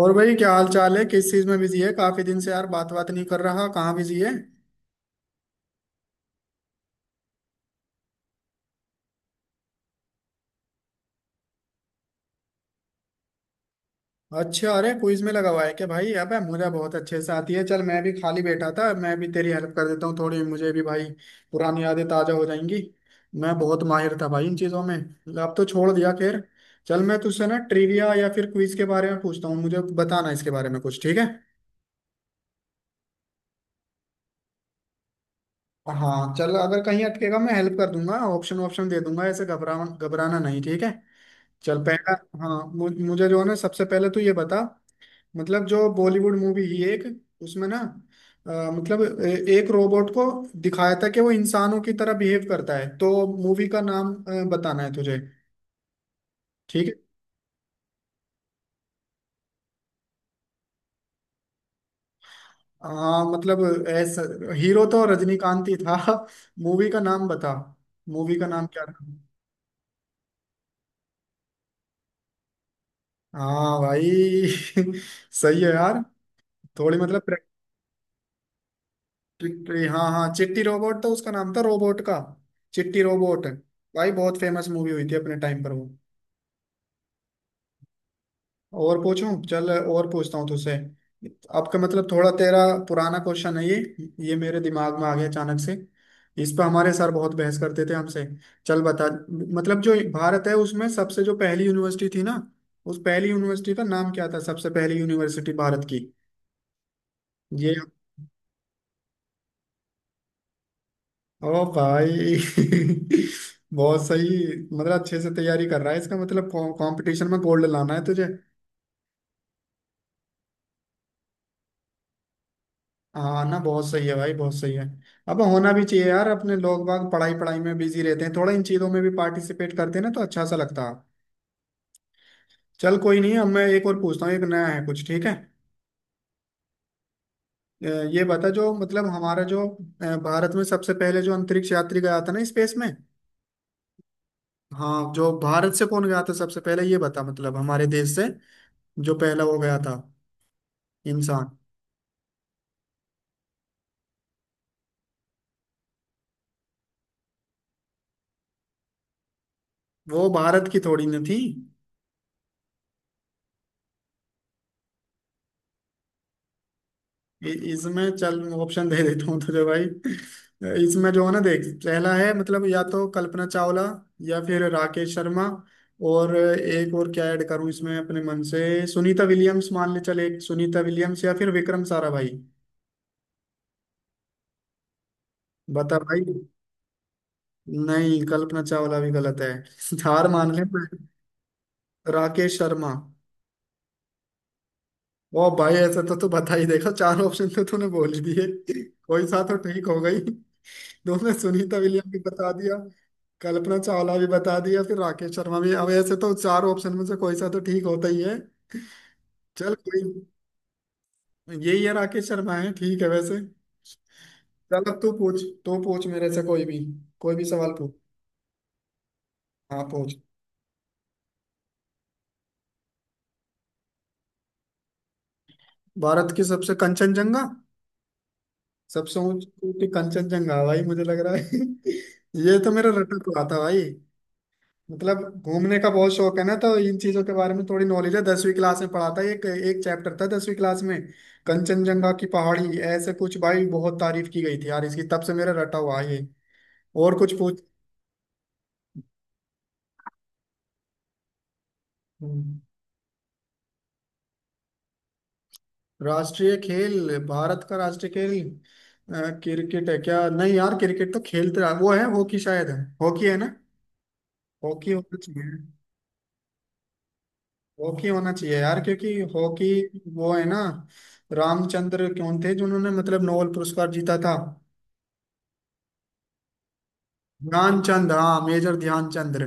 और भाई क्या हाल चाल है। किस चीज में बिजी है? काफी दिन से यार बात बात नहीं कर रहा। कहाँ बिजी है? अच्छा, अरे क्विज में लगा हुआ है क्या भाई? अबे मुझे बहुत अच्छे से आती है। चल मैं भी खाली बैठा था, मैं भी तेरी हेल्प कर देता हूँ थोड़ी, मुझे भी भाई पुरानी यादें ताजा हो जाएंगी। मैं बहुत माहिर था भाई इन चीजों में। अब तो छोड़ दिया, खैर। चल मैं तुझसे ना ट्रिविया या फिर क्विज के बारे में पूछता हूँ, मुझे बताना इसके बारे में कुछ। ठीक है? हाँ चल, अगर कहीं अटकेगा मैं हेल्प कर दूंगा, ऑप्शन ऑप्शन दे दूंगा। ऐसे घबरा घबराना नहीं, ठीक है। चल पहला। हाँ, मुझे जो है ना सबसे पहले तो ये बता, मतलब जो बॉलीवुड मूवी ही एक, उसमें ना मतलब एक रोबोट को दिखाया था कि वो इंसानों की तरह बिहेव करता है, तो मूवी का नाम बताना है तुझे। ठीक है? हाँ मतलब ऐसा, हीरो तो रजनीकांत ही था। मूवी का नाम बता, मूवी का नाम क्या था? हाँ भाई। सही है यार। थोड़ी मतलब, चिट्टी, हाँ हाँ चिट्टी रोबोट तो उसका नाम था, रोबोट का चिट्टी रोबोट। भाई बहुत फेमस मूवी हुई थी अपने टाइम पर वो। और पूछूं? चल और पूछता हूँ तुझसे। आपका मतलब थोड़ा तेरा पुराना क्वेश्चन है ये मेरे दिमाग में आ गया अचानक से। इस पर हमारे सर बहुत बहस करते थे हमसे। चल बता, मतलब जो भारत है उसमें सबसे जो पहली यूनिवर्सिटी थी ना, उस पहली यूनिवर्सिटी का नाम क्या था? सबसे पहली यूनिवर्सिटी भारत की। ये ओ भाई। बहुत सही, मतलब अच्छे से तैयारी कर रहा है। इसका मतलब कंपटीशन में गोल्ड लाना है तुझे। हाँ ना, बहुत सही है भाई, बहुत सही है। अब होना भी चाहिए यार, अपने लोग बाग पढ़ाई पढ़ाई में बिजी रहते हैं, थोड़ा इन चीजों में भी पार्टिसिपेट करते हैं ना तो अच्छा सा लगता है। चल कोई नहीं, अब मैं एक और पूछता हूँ, एक नया है कुछ। ठीक है? अ, ये बता जो मतलब हमारा जो भारत में सबसे पहले जो अंतरिक्ष यात्री गया था ना स्पेस में, हाँ, जो भारत से कौन गया था सबसे पहले, ये बता मतलब, हमारे देश से जो पहला वो गया था इंसान। वो भारत की थोड़ी ना थी। इसमें चल ऑप्शन दे देता हूँ तुझे भाई। इसमें जो है ना, देख पहला है मतलब या तो कल्पना चावला या फिर राकेश शर्मा, और एक और क्या ऐड करूं इसमें अपने मन से, सुनीता विलियम्स मान ले, चल एक सुनीता विलियम्स या फिर विक्रम साराभाई। बता भाई। नहीं, कल्पना चावला भी गलत है। हार मान ले। राकेश शर्मा? ओ भाई, ऐसा तो तू बता ही, देखा चार ऑप्शन तो तूने बोल ही दिए। कोई सा तो ठीक हो गई। तुमने सुनीता विलियम भी बता दिया, कल्पना चावला भी बता दिया, फिर राकेश शर्मा भी, अब ऐसे तो चार ऑप्शन में से कोई सा तो ठीक होता ही है। चल कोई, यही है, राकेश शर्मा है। ठीक है वैसे। चल अब तू पूछ, तू पूछ मेरे से कोई भी, कोई भी सवाल पूछ। हाँ पूछ। भारत की सबसे, कंचनजंगा। सबसे ऊंची ऊंची कंचनजंगा भाई, मुझे लग रहा है। ये तो मेरा रटक हुआ था भाई। मतलब घूमने का बहुत शौक है ना, तो इन चीजों के बारे में थोड़ी नॉलेज है। दसवीं क्लास में पढ़ा था, एक एक चैप्टर था दसवीं क्लास में, कंचनजंगा की पहाड़ी, ऐसे कुछ भाई बहुत तारीफ की गई थी यार इसकी, तब से मेरा रटा हुआ है ये। और कुछ पूछ। हम्म, राष्ट्रीय खेल, भारत का राष्ट्रीय खेल क्रिकेट है क्या? नहीं यार क्रिकेट तो खेलते रहा, वो है हॉकी, शायद है हॉकी है ना, हॉकी होना चाहिए। हॉकी होना चाहिए यार क्योंकि हॉकी, वो है ना रामचंद्र कौन थे जिन्होंने मतलब नोबेल पुरस्कार जीता था। ध्यानचंद, हाँ मेजर ध्यानचंद्र।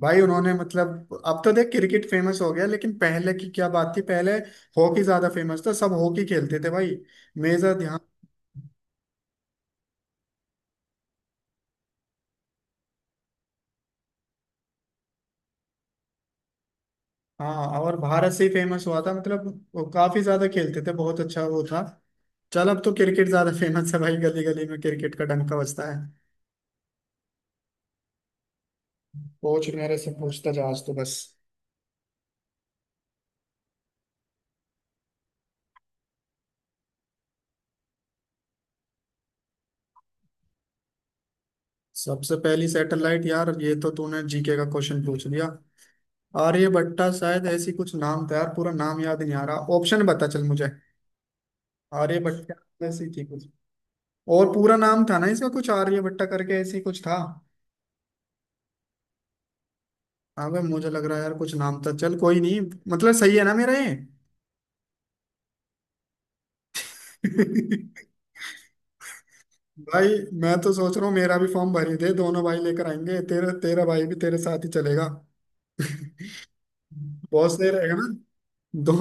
भाई उन्होंने मतलब, अब तो देख क्रिकेट फेमस हो गया, लेकिन पहले की क्या बात थी, पहले हॉकी ज्यादा फेमस था, सब हॉकी खेलते थे भाई। मेजर ध्यान। हाँ और भारत से ही फेमस हुआ था मतलब, वो काफी ज्यादा खेलते थे, बहुत अच्छा वो था। चल अब तो क्रिकेट ज्यादा फेमस है भाई, गली गली में क्रिकेट का डंका बजता है। पूछ मेरे से, पूछता जा आज तो बस। सबसे पहली सैटेलाइट, यार ये तो तूने जीके का क्वेश्चन पूछ लिया। आर्य भट्टा शायद, ऐसी कुछ नाम था यार, पूरा नाम याद नहीं आ रहा, ऑप्शन बता चल मुझे। आर्य भट्टा, ऐसी थी कुछ, और पूरा नाम था ना इसका कुछ आर्य भट्टा करके, ऐसी कुछ था। हाँ भाई मुझे लग रहा है यार कुछ नाम था। चल कोई नहीं, मतलब सही है ना मेरा ये। भाई, मैं तो सोच रहा हूँ मेरा भी फॉर्म भर ही दे, दोनों भाई लेकर आएंगे, तेरा, तेरा भाई भी तेरे साथ ही चलेगा। बहुत सही रहेगा ना। दो।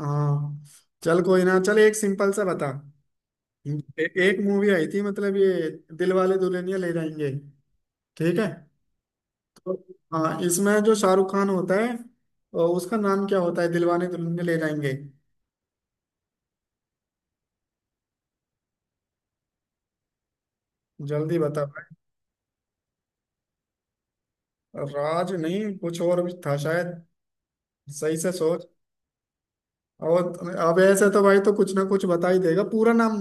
हाँ चल कोई ना, चल एक सिंपल सा बता। ए, एक मूवी आई थी मतलब ये दिल वाले दुल्हनिया ले जाएंगे, ठीक है, तो हाँ इसमें जो शाहरुख खान होता है उसका नाम क्या होता है? दिलवाने दुल्हनिया ले जाएंगे, जल्दी बता भाई। राज? नहीं, कुछ और भी था शायद, सही से सोच। और अब ऐसे तो भाई तो कुछ ना कुछ बता ही देगा पूरा नाम।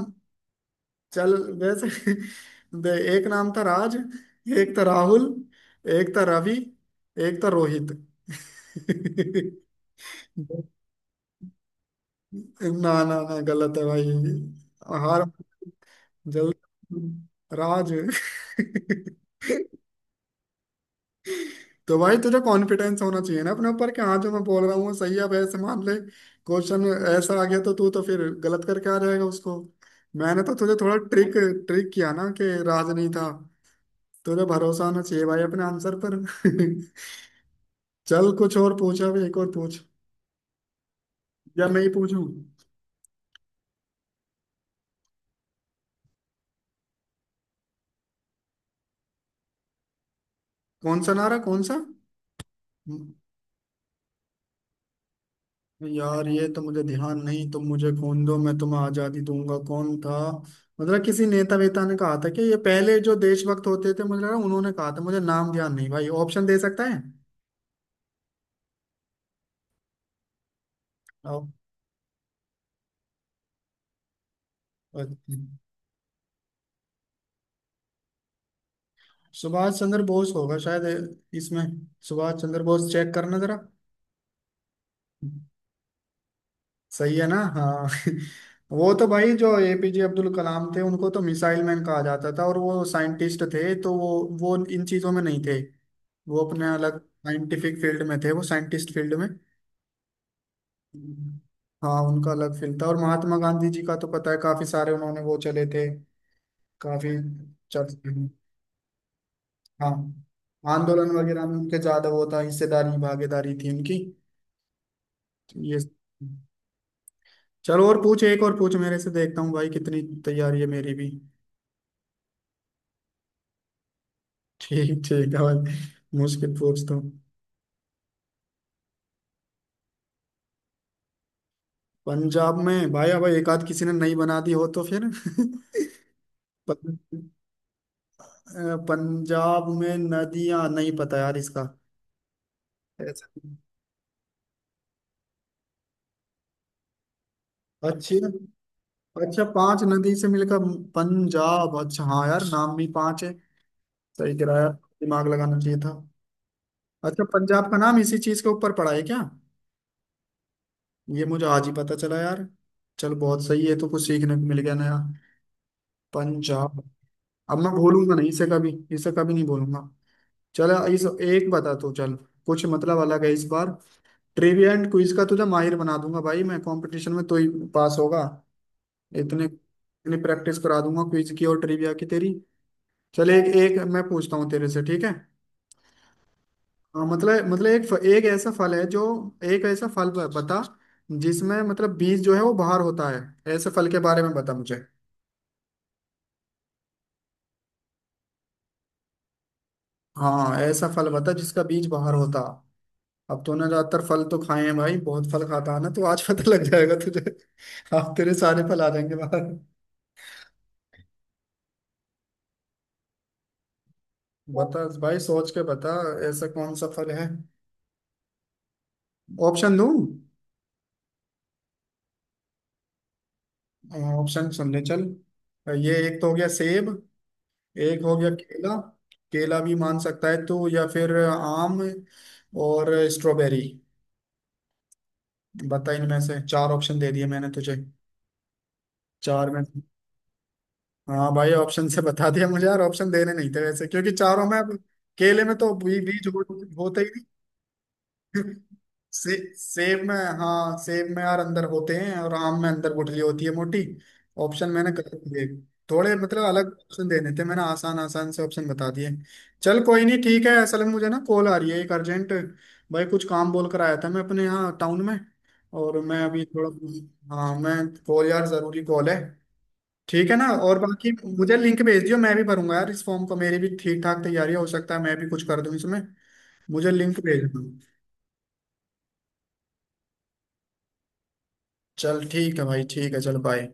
चल वैसे। दे, एक नाम था राज, एक था राहुल, एक था रवि, एक था रोहित। ना ना ना, गलत है भाई, हार, जल, राज। तो भाई तुझे कॉन्फिडेंस होना चाहिए ना अपने ऊपर कि हाँ जो मैं बोल रहा हूँ वो सही है। अब ऐसे मान ले क्वेश्चन ऐसा आ गया, तो तू तो फिर गलत करके आ जाएगा उसको। मैंने तो तुझे थोड़ा ट्रिक, ट्रिक किया ना कि राज नहीं था। तुझे भरोसा होना चाहिए भाई अपने आंसर पर। चल कुछ और पूछा, अभी एक और पूछ, या मैं ही पूछूं? कौन सा नारा, कौन सा? यार ये तो मुझे ध्यान नहीं, तुम मुझे खून दो मैं तुम्हें आजादी दूंगा, कौन था? मतलब किसी नेता वेता ने कहा था कि, ये पहले जो देशभक्त होते थे मुझे लगा उन्होंने कहा था, मुझे नाम ध्यान नहीं भाई, ऑप्शन दे सकता है। आओ, अच्छा। सुभाष चंद्र बोस होगा शायद इसमें, सुभाष चंद्र बोस चेक करना जरा। सही है ना, हाँ। वो तो भाई जो एपीजे अब्दुल कलाम थे उनको तो मिसाइल मैन कहा जाता था, और वो साइंटिस्ट थे, तो वो इन चीजों में नहीं थे, वो अपने अलग साइंटिफिक फील्ड में थे, वो साइंटिस्ट फील्ड में। हाँ उनका अलग फील्ड था। और महात्मा गांधी जी का तो पता है, काफी सारे उन्होंने वो चले थे, काफी चर्चे में। हाँ आंदोलन वगैरह में उनके ज्यादा वो था, हिस्सेदारी भागीदारी थी उनकी तो, ये। चलो और पूछ, एक और पूछ मेरे से, देखता हूँ भाई कितनी तैयारी है मेरी भी। ठीक, ठीक है भाई, मुश्किल पूछता हूँ। पंजाब में भाई अब एक आध किसी ने नहीं बना दी हो तो फिर। पंजाब में नदियां, नहीं पता यार इसका, ऐसा-। अच्छी, अच्छा पांच नदी से मिलकर पंजाब, अच्छा हाँ यार नाम भी पांच है, सही कह रहा यार, दिमाग लगाना चाहिए था। अच्छा पंजाब का नाम इसी चीज के ऊपर पड़ा है क्या? ये मुझे आज ही पता चला यार। चल बहुत सही है, तो कुछ सीखने को मिल गया नया। पंजाब। अब मैं भूलूंगा नहीं इसे कभी, इसे कभी नहीं भूलूंगा। चल इस एक बता तू, चल कुछ मतलब अलग है इस बार। ट्रिविया एंड क्विज का तुझे माहिर बना दूंगा भाई, मैं कंपटीशन में तो ही पास होगा। इतने, इतनी प्रैक्टिस करा दूंगा क्विज की और ट्रिविया की तेरी। चल एक एक मैं पूछता हूँ तेरे से, ठीक है। हाँ, मतलब एक एक ऐसा फल है जो, एक ऐसा फल बता जिसमें मतलब बीज जो है वो बाहर होता है, ऐसे फल के बारे में बता मुझे। हाँ ऐसा फल बता जिसका बीज बाहर होता। अब तूने ज्यादातर फल तो खाए हैं भाई, बहुत फल खाता है ना तो आज पता लग जाएगा तुझे। अब तेरे सारे फल आ जाएंगे बाहर। बता भाई, सोच के बता, ऐसा कौन सा फल है? ऑप्शन दूं? ऑप्शन सुनने चल, ये एक तो हो गया सेब, एक हो गया केला, केला भी मान सकता है तू, या फिर आम, और स्ट्रॉबेरी। बता इनमें से, चार ऑप्शन दे दिए मैंने तुझे, चार में। हाँ भाई, ऑप्शन से बता दिया मुझे यार, ऑप्शन देने नहीं थे वैसे क्योंकि चारों में, अब केले में तो बीज होते ही नहीं। सेब में, हाँ सेब में यार अंदर होते हैं, और आम में अंदर गुठली होती है मोटी। ऑप्शन मैंने कर दिए थोड़े, मतलब अलग ऑप्शन देने थे मैंने, आसान आसान से ऑप्शन बता दिए। चल कोई नहीं, ठीक है, असल में मुझे ना कॉल आ रही है एक अर्जेंट, भाई कुछ काम बोल कर आया था मैं अपने यहाँ टाउन में, और मैं अभी थोड़ा, हाँ मैं कॉल, यार जरूरी कॉल है, ठीक है ना, और बाकी मुझे लिंक भेज दियो, मैं भी भरूंगा यार इस फॉर्म को, मेरी भी ठीक ठाक तैयारी है, हो सकता है मैं भी कुछ कर दूं इसमें, मुझे लिंक भेज दो। चल ठीक है भाई, ठीक है, चल बाय।